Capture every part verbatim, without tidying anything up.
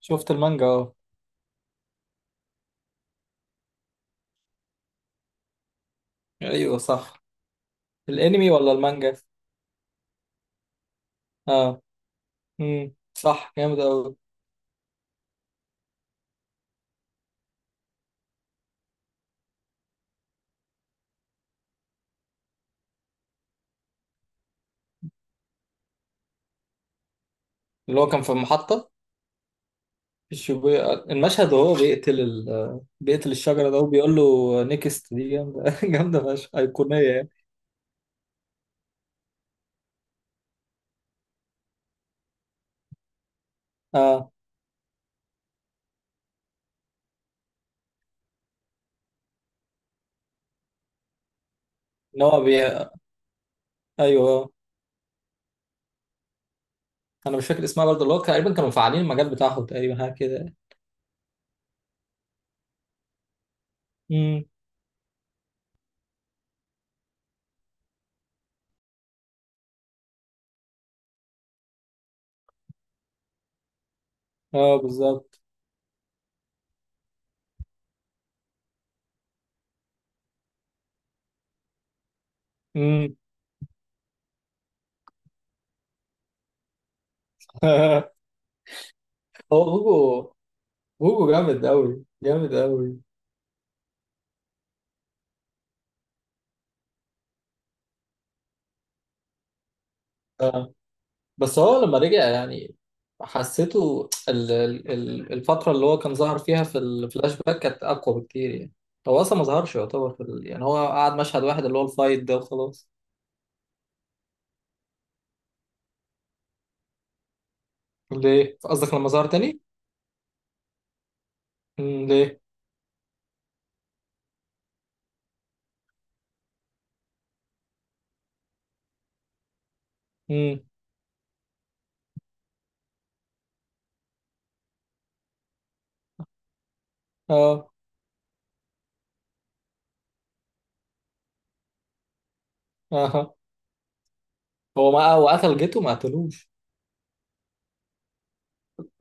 شفت المانجا، اه. ايوه، صح. الانمي ولا المانجا؟ اه. امم صح، جامد قوي. اللي هو كان في المحطة، في الشيبويا المشهد، وهو بيقتل ال... بيقتل الشجرة ده، وبيقول له نيكست. دي جامدة جامدة فشخ، أيقونية يعني. اه. ان هو بي... ايوه، آه. انا مش فاكر اسمها برضه. اللي هو تقريبا كانوا مفعلين المجال بتاعهم، تقريبا حاجة كده. امم. اه، بالظبط. امم. هو هوجو. هوجو جامد قوي، جامد قوي. بس هو لما رجع يعني، حسيته ال- ال- ال- الفترة اللي هو كان ظهر فيها في الفلاش باك كانت أقوى بكتير يعني. هو أصلا ما ظهرش يعتبر في ال... يعني هو قعد مشهد واحد، اللي هو الفايت ده، وخلاص. ليه؟ قصدك لما ظهر تاني؟ مم ليه؟ مم. اه. اه، آه. هو، ما هو قتل جيته، ما قتلوش.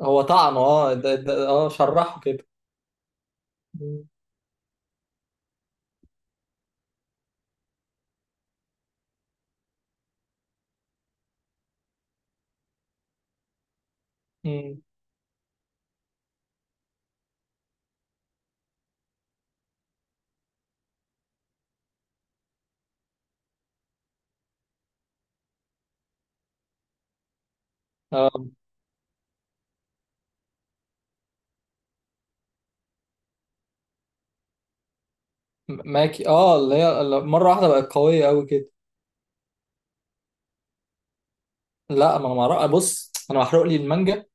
هو طعنه، اه ده ده، اه شرحه كده. مم. مم. اه، م- ماكي، اه، اللي هي اللي مرة واحدة بقت قوية أوي كده. لا، ما انا ما أعرف- بص، انا محروق لي المانجا.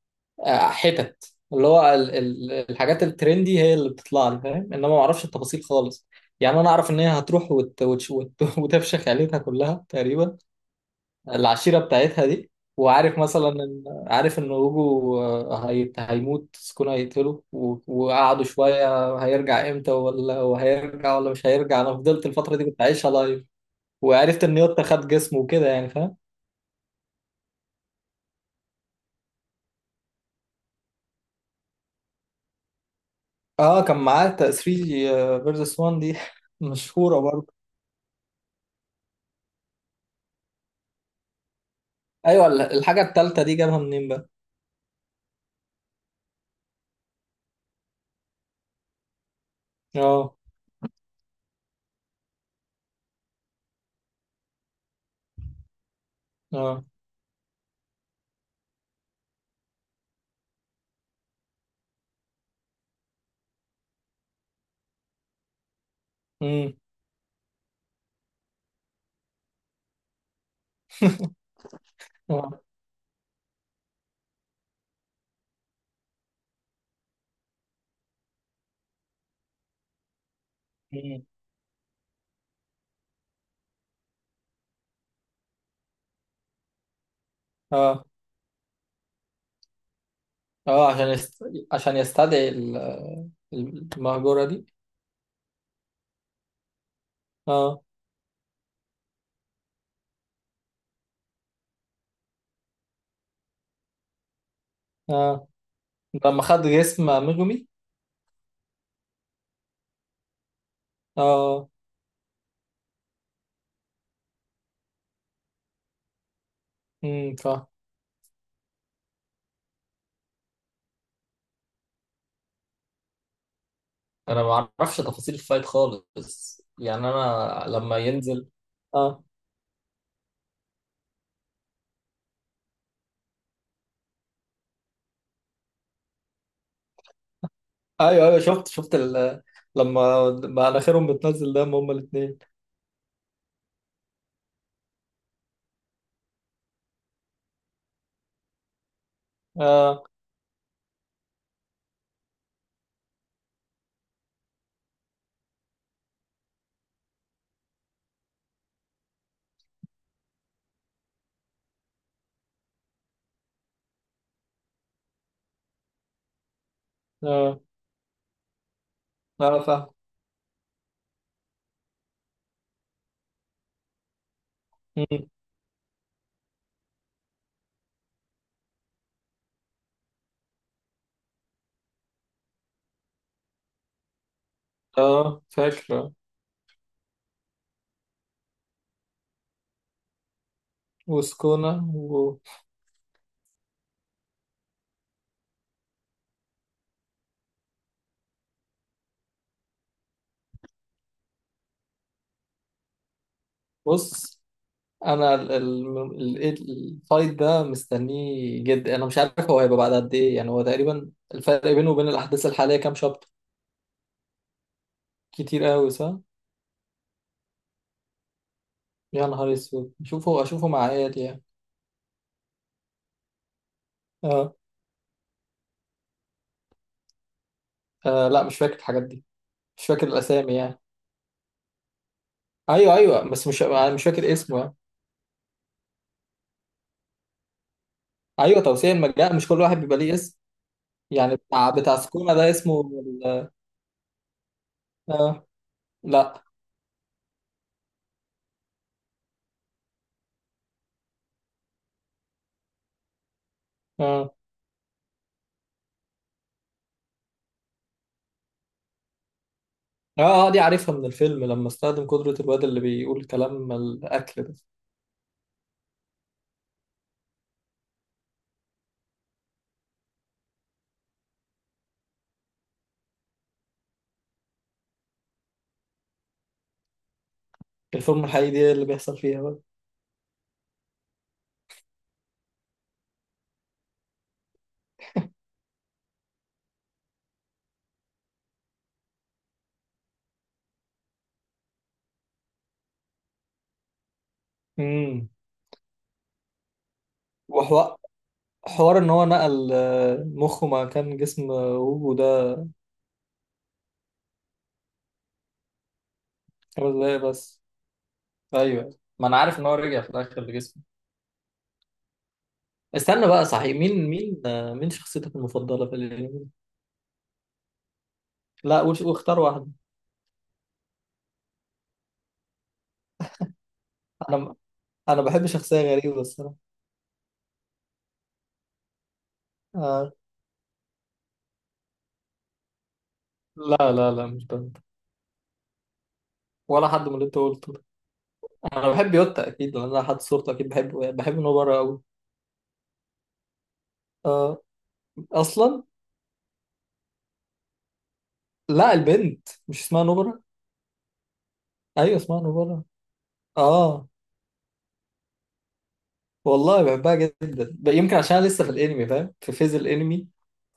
آه، حتت اللي هو ال- ال- الحاجات الترندي هي اللي بتطلع لي، فاهم، انما ما اعرفش التفاصيل خالص. يعني انا اعرف ان هي هتروح وت... وتش... وت... وتفشخ عيلتها كلها تقريبا، العشيره بتاعتها دي. وعارف مثلا، ان عارف ان وجو، آه، هيت... هيموت، سكون هيقتله، و... وقعدوا شويه هيرجع امتى، ولا وهيرجع، ولا مش هيرجع، انا فضلت الفتره دي كنت عايشها لايف. وعرفت ان يوتا خد جسمه وكده يعني، فاهم. اه، كان معاه تلاتة فيرسس واحد، دي مشهوره. ايوه، ال- الحاجه التالتة دي جابها منين بقى؟ اه. اه. امم. اه. مم. اه. اه، عشان يست... عشان يستدعي ال- المهجوره دي. اه. اه. لما خد جسم ميجومي. اه. امم فا انا ما اعرفش تفاصيل الفايت خالص يعني، انا لما ينزل. اه. ايوه، ايوه، شفت شفت ال... لما بقى مناخيرهم بتنزل دم هما الاثنين. اه. اه. اه، فاهم. مم. اه، فاكره. وسكونا و... بص، انا ال- ال- ال- إيه الفايت ده مستنيه جدا. انا مش عارف هو هيبقى بعد قد ايه يعني. هو تقريبا، الفرق بينه وبين الاحداث الحاليه كام شابتر؟ كتير قوي، صح. يا نهار اسود، اشوفه اشوفه مع عيالي يعني. آه. اه، لا، مش فاكر الحاجات دي. مش فاكر الاسامي يعني. ايوه، ايوه، بس مش، أنا مش فاكر اسمه يعني. ايوه، توسيع المجال. مش كل واحد بيبقى ليه اسم؟ يعني بتاع بتاع سكونة ده اسمه ال- آه. لا. اه. اه، آه، دي عارفها من الفيلم، لما استخدم قدرة الواد اللي بيقول كلام الأكل ده. الفورمة الحقيقية دي اللي بيحصل فيها بقى. امم. وحوار، حوار ان هو نقل آه، مخه، ما كان جسم آه، ووجو ده. خمس دقايق بس. ايوه، ما انا عارف ان هو رجع في الاخر لجسمه. استنى بقى، صحيح، مين مين آه، مين شخصيتك المفضلة في الانمي؟ لا، وش- واختار واحدة. انا انا بحب شخصية غريبة الصراحة. آه. لا لا لا، مش بنت، ولا حد من اللي انت قلته ده. انا بحب يوتا اكيد، لان انا حد صورته اكيد بحبه يعني. بحب نوبرا قوي. آه. اصلا، لا، البنت مش اسمها نوبرا. ايوه، اسمها نوبرا. اه، والله بحبها جدا. ب- يمكن عشان أنا لسه في الانمي، فاهم، في فيز الانمي.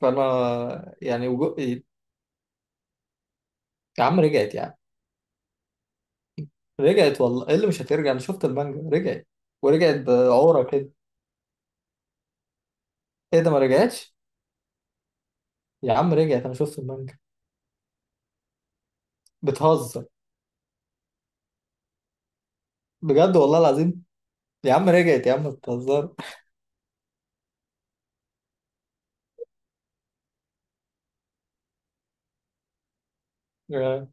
فانا يعني وجو... يا عم، رجعت يعني. رجعت، والله، ايه اللي مش هترجع؟ انا شفت المانجا، رجعت. ورجعت بعورة كده. ايه ده، ما رجعتش؟ يا عم رجعت، انا شفت المانجا. بتهزر. بجد، والله العظيم. يا عم رجعت، يا عم بتهزر. آه.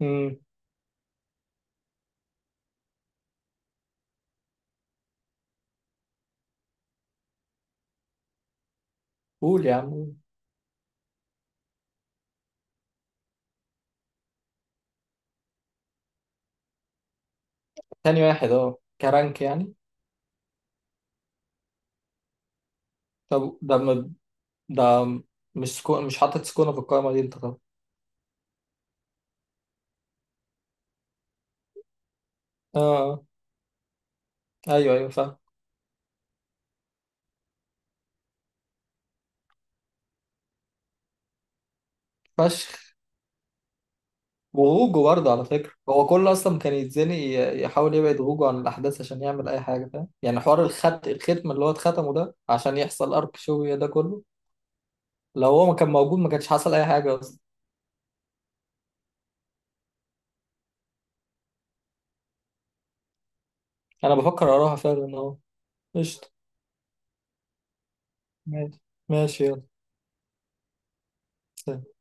امم. قول يا عم، قول. تاني واحد، اه، كرانك يعني. طب ده م... ده مش سكو... مش حاطط سكونة في القائمة دي انت طبعا. اه، آه. ايوه، ايوه، فاهم. فشخ. وغوجو برضه على فكرة، هو كله أصلا كان يتزنق، ي- يحاول يبعد غوجو عن الأحداث عشان يعمل أي حاجة، فاهم يعني، حوار الخت الختم اللي هو اتختمه ده عشان يحصل أرك شوية ده كله. لو هو ما كان موجود ما كانش حصل أي حاجة أصلا. أنا بفكر أراها فعلا أهو. قشطة. ماشي. ماشي يلا. سلام.